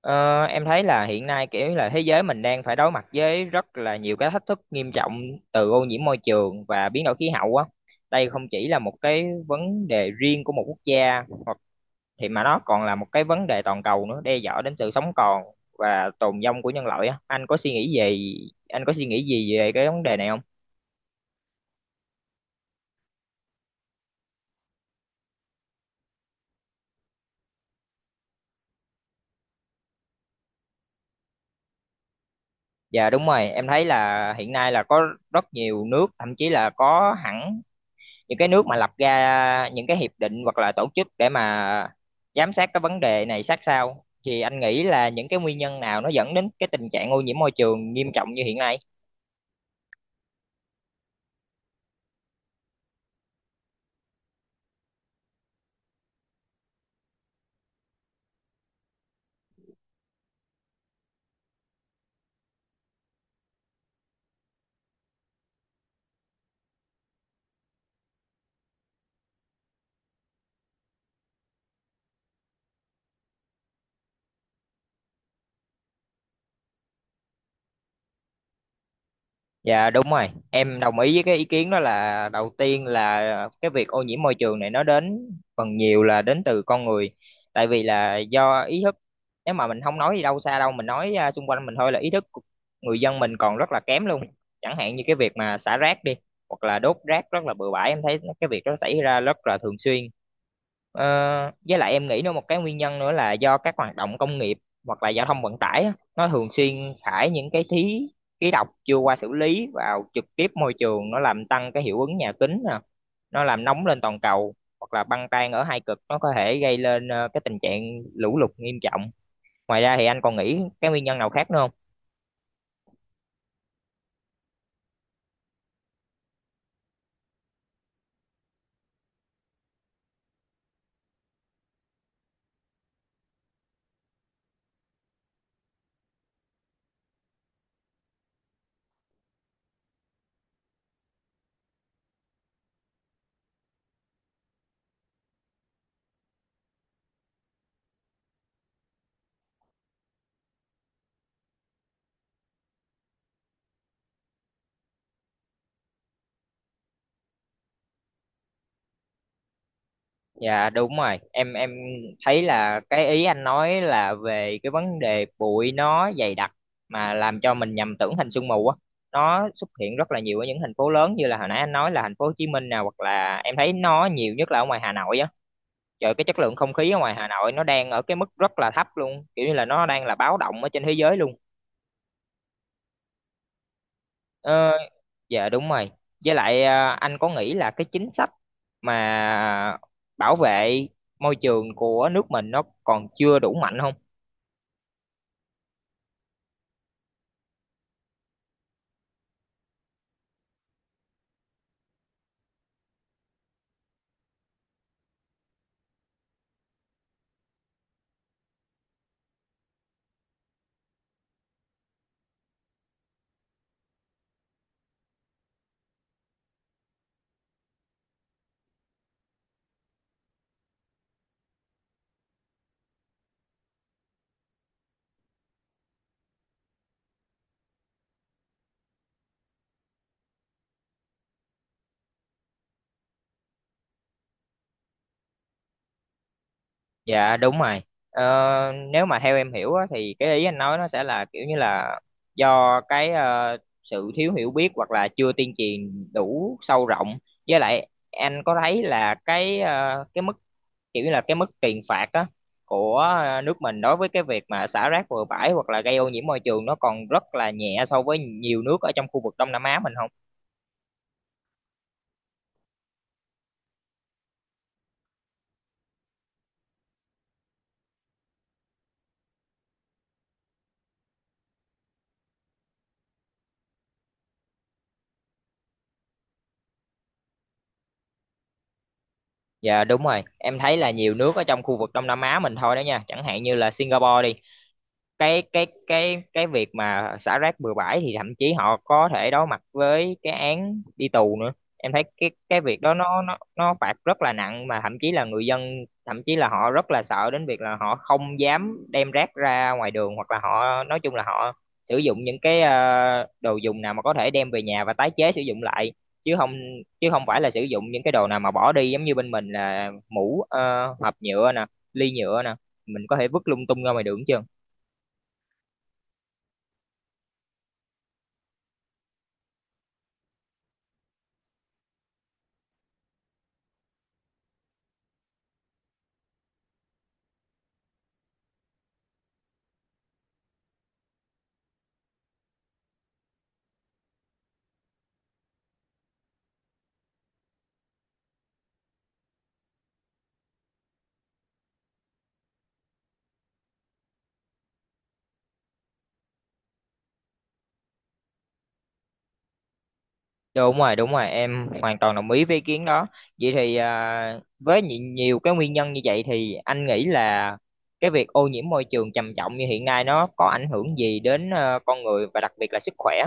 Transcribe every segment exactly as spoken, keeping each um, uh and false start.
Ờ, em thấy là hiện nay kiểu là thế giới mình đang phải đối mặt với rất là nhiều cái thách thức nghiêm trọng từ ô nhiễm môi trường và biến đổi khí hậu á. Đây không chỉ là một cái vấn đề riêng của một quốc gia hoặc thì mà nó còn là một cái vấn đề toàn cầu nữa, đe dọa đến sự sống còn và tồn vong của nhân loại á. Anh có suy nghĩ về anh có suy nghĩ gì về cái vấn đề này không? Dạ đúng rồi, em thấy là hiện nay là có rất nhiều nước, thậm chí là có hẳn những cái nước mà lập ra những cái hiệp định hoặc là tổ chức để mà giám sát cái vấn đề này sát sao. Thì anh nghĩ là những cái nguyên nhân nào nó dẫn đến cái tình trạng ô nhiễm môi trường nghiêm trọng như hiện nay? Dạ đúng rồi, em đồng ý với cái ý kiến đó. Là đầu tiên là cái việc ô nhiễm môi trường này nó đến phần nhiều là đến từ con người. Tại vì là do ý thức, nếu mà mình không nói gì đâu xa đâu, mình nói à, xung quanh mình thôi, là ý thức của người dân mình còn rất là kém luôn. Chẳng hạn như cái việc mà xả rác đi, hoặc là đốt rác rất là bừa bãi, em thấy cái việc đó xảy ra rất là thường xuyên. Ờ, với lại em nghĩ nó một cái nguyên nhân nữa là do các hoạt động công nghiệp hoặc là giao thông vận tải á, nó thường xuyên thải những cái khí khí độc chưa qua xử lý vào trực tiếp môi trường, nó làm tăng cái hiệu ứng nhà kính nè, nó làm nóng lên toàn cầu, hoặc là băng tan ở hai cực nó có thể gây lên ờ, cái tình trạng lũ lụt nghiêm trọng. Ngoài ra thì anh còn nghĩ cái nguyên nhân nào khác nữa không? Dạ đúng rồi, em em thấy là cái ý anh nói là về cái vấn đề bụi nó dày đặc mà làm cho mình nhầm tưởng thành sương mù á. Nó xuất hiện rất là nhiều ở những thành phố lớn như là hồi nãy anh nói là thành phố Hồ Chí Minh nè, hoặc là em thấy nó nhiều nhất là ở ngoài Hà Nội á. Trời, cái chất lượng không khí ở ngoài Hà Nội nó đang ở cái mức rất là thấp luôn, kiểu như là nó đang là báo động ở trên thế giới luôn. Ờ, dạ đúng rồi. Với lại à, anh có nghĩ là cái chính sách mà bảo vệ môi trường của nước mình nó còn chưa đủ mạnh không? Dạ đúng rồi. Ờ, Nếu mà theo em hiểu á, thì cái ý anh nói nó sẽ là kiểu như là do cái ờ, sự thiếu hiểu biết hoặc là chưa tuyên truyền đủ sâu rộng. Với lại anh có thấy là cái ờ, cái mức, kiểu như là cái mức tiền phạt á của à, nước mình đối với cái việc mà xả rác bừa bãi hoặc là gây ô nhiễm môi trường nó còn rất là nhẹ so với nhiều nước ở trong khu vực Đông Nam Á mình không? Dạ đúng rồi, em thấy là nhiều nước ở trong khu vực Đông Nam Á mình thôi đó nha, chẳng hạn như là Singapore đi. cái cái cái cái việc mà xả rác bừa bãi thì thậm chí họ có thể đối mặt với cái án đi tù nữa. Em thấy cái cái việc đó nó nó nó phạt rất là nặng, mà thậm chí là người dân, thậm chí là họ rất là sợ đến việc là họ không dám đem rác ra ngoài đường, hoặc là họ nói chung là họ sử dụng những cái ờ, đồ dùng nào mà có thể đem về nhà và tái chế sử dụng lại, chứ không chứ không phải là sử dụng những cái đồ nào mà bỏ đi, giống như bên mình là mũ ờ, hộp nhựa nè, ly nhựa nè, mình có thể vứt lung tung ra ngoài đường chứ. Đúng rồi, đúng rồi, em hoàn toàn đồng ý với ý kiến đó. Vậy thì à, với nhi- nhiều cái nguyên nhân như vậy thì anh nghĩ là cái việc ô nhiễm môi trường trầm trọng như hiện nay nó có ảnh hưởng gì đến ờ, con người và đặc biệt là sức khỏe?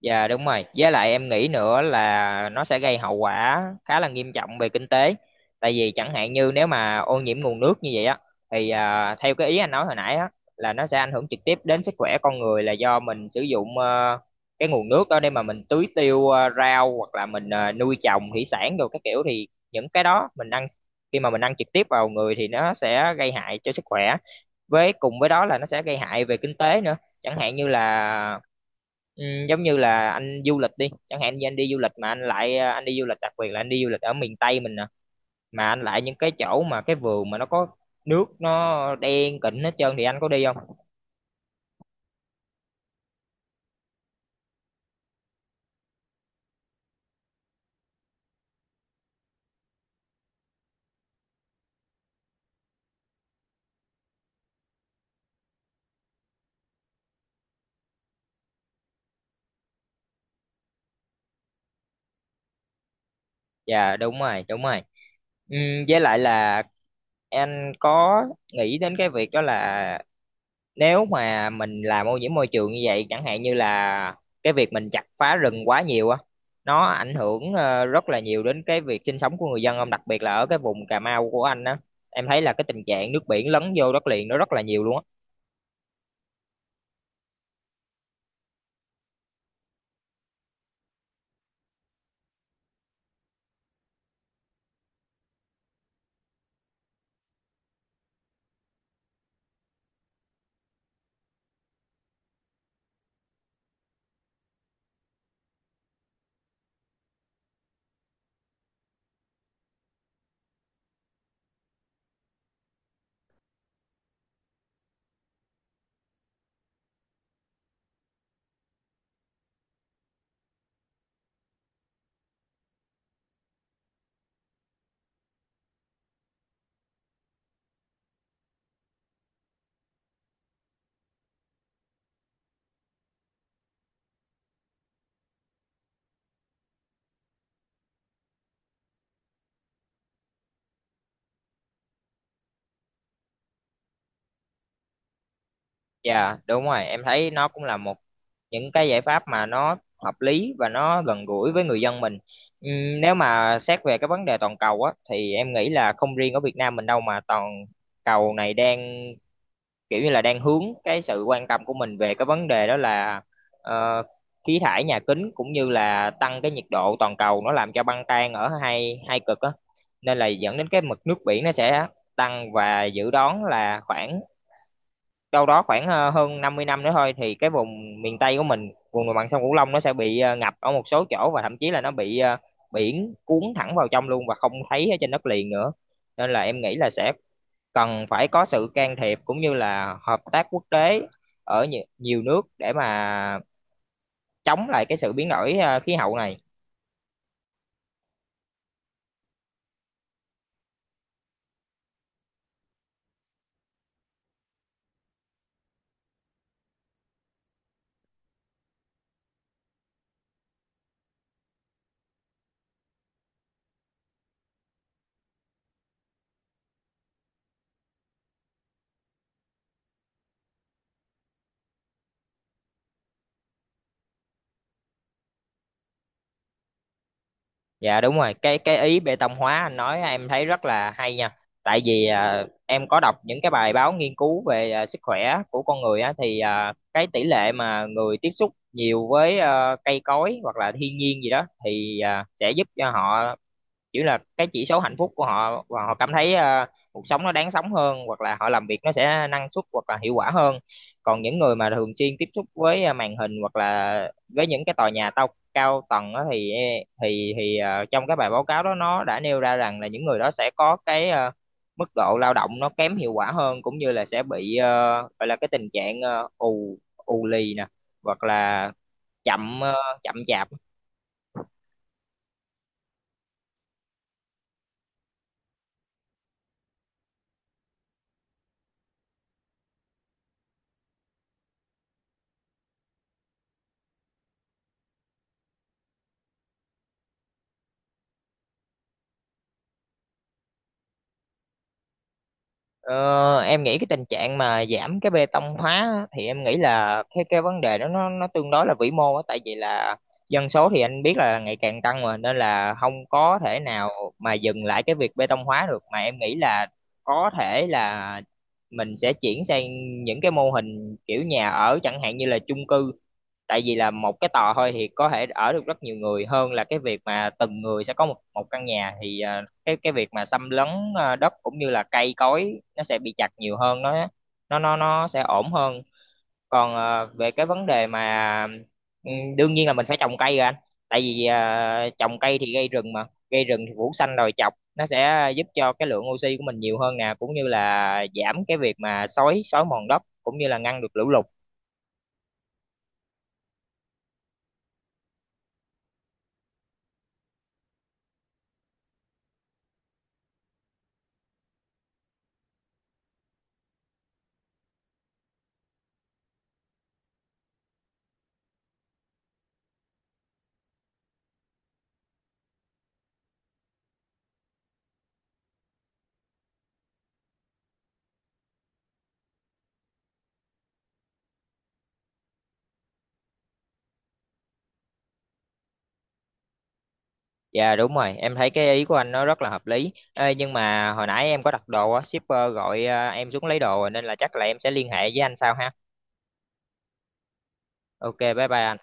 Dạ đúng rồi. Với lại em nghĩ nữa là nó sẽ gây hậu quả khá là nghiêm trọng về kinh tế. Tại vì chẳng hạn như nếu mà ô nhiễm nguồn nước như vậy á, thì à, theo cái ý anh nói hồi nãy á, là nó sẽ ảnh hưởng trực tiếp đến sức khỏe con người, là do mình sử dụng ờ, cái nguồn nước đó để mà mình tưới tiêu ờ, rau hoặc là mình ờ, nuôi trồng thủy sản rồi các kiểu, thì những cái đó mình ăn, khi mà mình ăn trực tiếp vào người thì nó sẽ gây hại cho sức khỏe. Với cùng với đó là nó sẽ gây hại về kinh tế nữa. Chẳng hạn như là Ừ, giống như là anh du lịch đi, chẳng hạn như anh đi du lịch mà anh lại à, anh đi du lịch, đặc biệt là anh đi du lịch ở miền Tây mình nè, mà anh lại những cái chỗ mà cái vườn mà nó có nước nó đen kịt hết trơn thì anh có đi không? Dạ đúng rồi đúng rồi. Ừ, với lại là anh có nghĩ đến cái việc đó là nếu mà mình làm ô nhiễm môi trường như vậy, chẳng hạn như là cái việc mình chặt phá rừng quá nhiều á, nó ảnh hưởng ờ, rất là nhiều đến cái việc sinh sống của người dân ông, đặc biệt là ở cái vùng Cà Mau của anh á, em thấy là cái tình trạng nước biển lấn vô đất liền nó rất là nhiều luôn á. Dạ đúng rồi, em thấy nó cũng là một những cái giải pháp mà nó hợp lý và nó gần gũi với người dân mình. Ừm, nếu mà xét về cái vấn đề toàn cầu á thì em nghĩ là không riêng ở Việt Nam mình đâu mà toàn cầu này đang kiểu như là đang hướng cái sự quan tâm của mình về cái vấn đề đó là ờ, khí thải nhà kính, cũng như là tăng cái nhiệt độ toàn cầu nó làm cho băng tan ở hai hai cực á, nên là dẫn đến cái mực nước biển nó sẽ tăng, và dự đoán là khoảng đâu đó khoảng ờ, hơn năm mươi năm nữa thôi thì cái vùng miền Tây của mình, vùng đồng bằng sông Cửu Long, nó sẽ bị ờ, ngập ở một số chỗ và thậm chí là nó bị ờ, biển cuốn thẳng vào trong luôn và không thấy ở trên đất liền nữa. Nên là em nghĩ là sẽ cần phải có sự can thiệp cũng như là hợp tác quốc tế ở nhi- nhiều nước để mà chống lại cái sự biến đổi ờ, khí hậu này. Dạ đúng rồi, cái cái ý bê tông hóa anh nói em thấy rất là hay nha. Tại vì ờ, em có đọc những cái bài báo nghiên cứu về ờ, sức khỏe của con người á, thì ờ, cái tỷ lệ mà người tiếp xúc nhiều với ờ, cây cối hoặc là thiên nhiên gì đó thì ờ, sẽ giúp cho họ chỉ là cái chỉ số hạnh phúc của họ, và họ cảm thấy ờ, cuộc sống nó đáng sống hơn, hoặc là họ làm việc nó sẽ năng suất hoặc là hiệu quả hơn. Còn những người mà thường xuyên tiếp xúc với ờ, màn hình hoặc là với những cái tòa nhà tao cao tầng á thì e, thì thì ờ, trong cái bài báo cáo đó nó đã nêu ra rằng là những người đó sẽ có cái ờ, mức độ lao động nó kém hiệu quả hơn, cũng như là sẽ bị ờ, gọi là cái tình trạng ờ, ù ù lì nè, hoặc là chậm ờ, chậm chạp. Ờ, em nghĩ cái tình trạng mà giảm cái bê tông hóa á, thì em nghĩ là cái cái vấn đề đó nó nó tương đối là vĩ mô á, tại vì là dân số thì anh biết là ngày càng tăng, mà nên là không có thể nào mà dừng lại cái việc bê tông hóa được, mà em nghĩ là có thể là mình sẽ chuyển sang những cái mô hình kiểu nhà ở, chẳng hạn như là chung cư, tại vì là một cái tòa thôi thì có thể ở được rất nhiều người, hơn là cái việc mà từng người sẽ có một một căn nhà, thì à, cái cái việc mà xâm lấn ờ, đất cũng như là cây cối nó sẽ bị chặt nhiều hơn, nó nó nó nó sẽ ổn hơn. Còn ờ, về cái vấn đề mà ừ, đương nhiên là mình phải trồng cây rồi anh, tại vì ờ, trồng cây thì gây rừng mà, gây rừng thì phủ xanh đồi chọc, nó sẽ giúp cho cái lượng oxy của mình nhiều hơn nè, cũng như là giảm cái việc mà xói xói mòn đất, cũng như là ngăn được lũ lụt. Dạ đúng rồi, em thấy cái ý của anh nó rất là hợp lý. Ê, nhưng mà hồi nãy em có đặt đồ á, shipper gọi ờ, em xuống lấy đồ, nên là chắc là em sẽ liên hệ với anh sau ha. Ok, bye bye anh.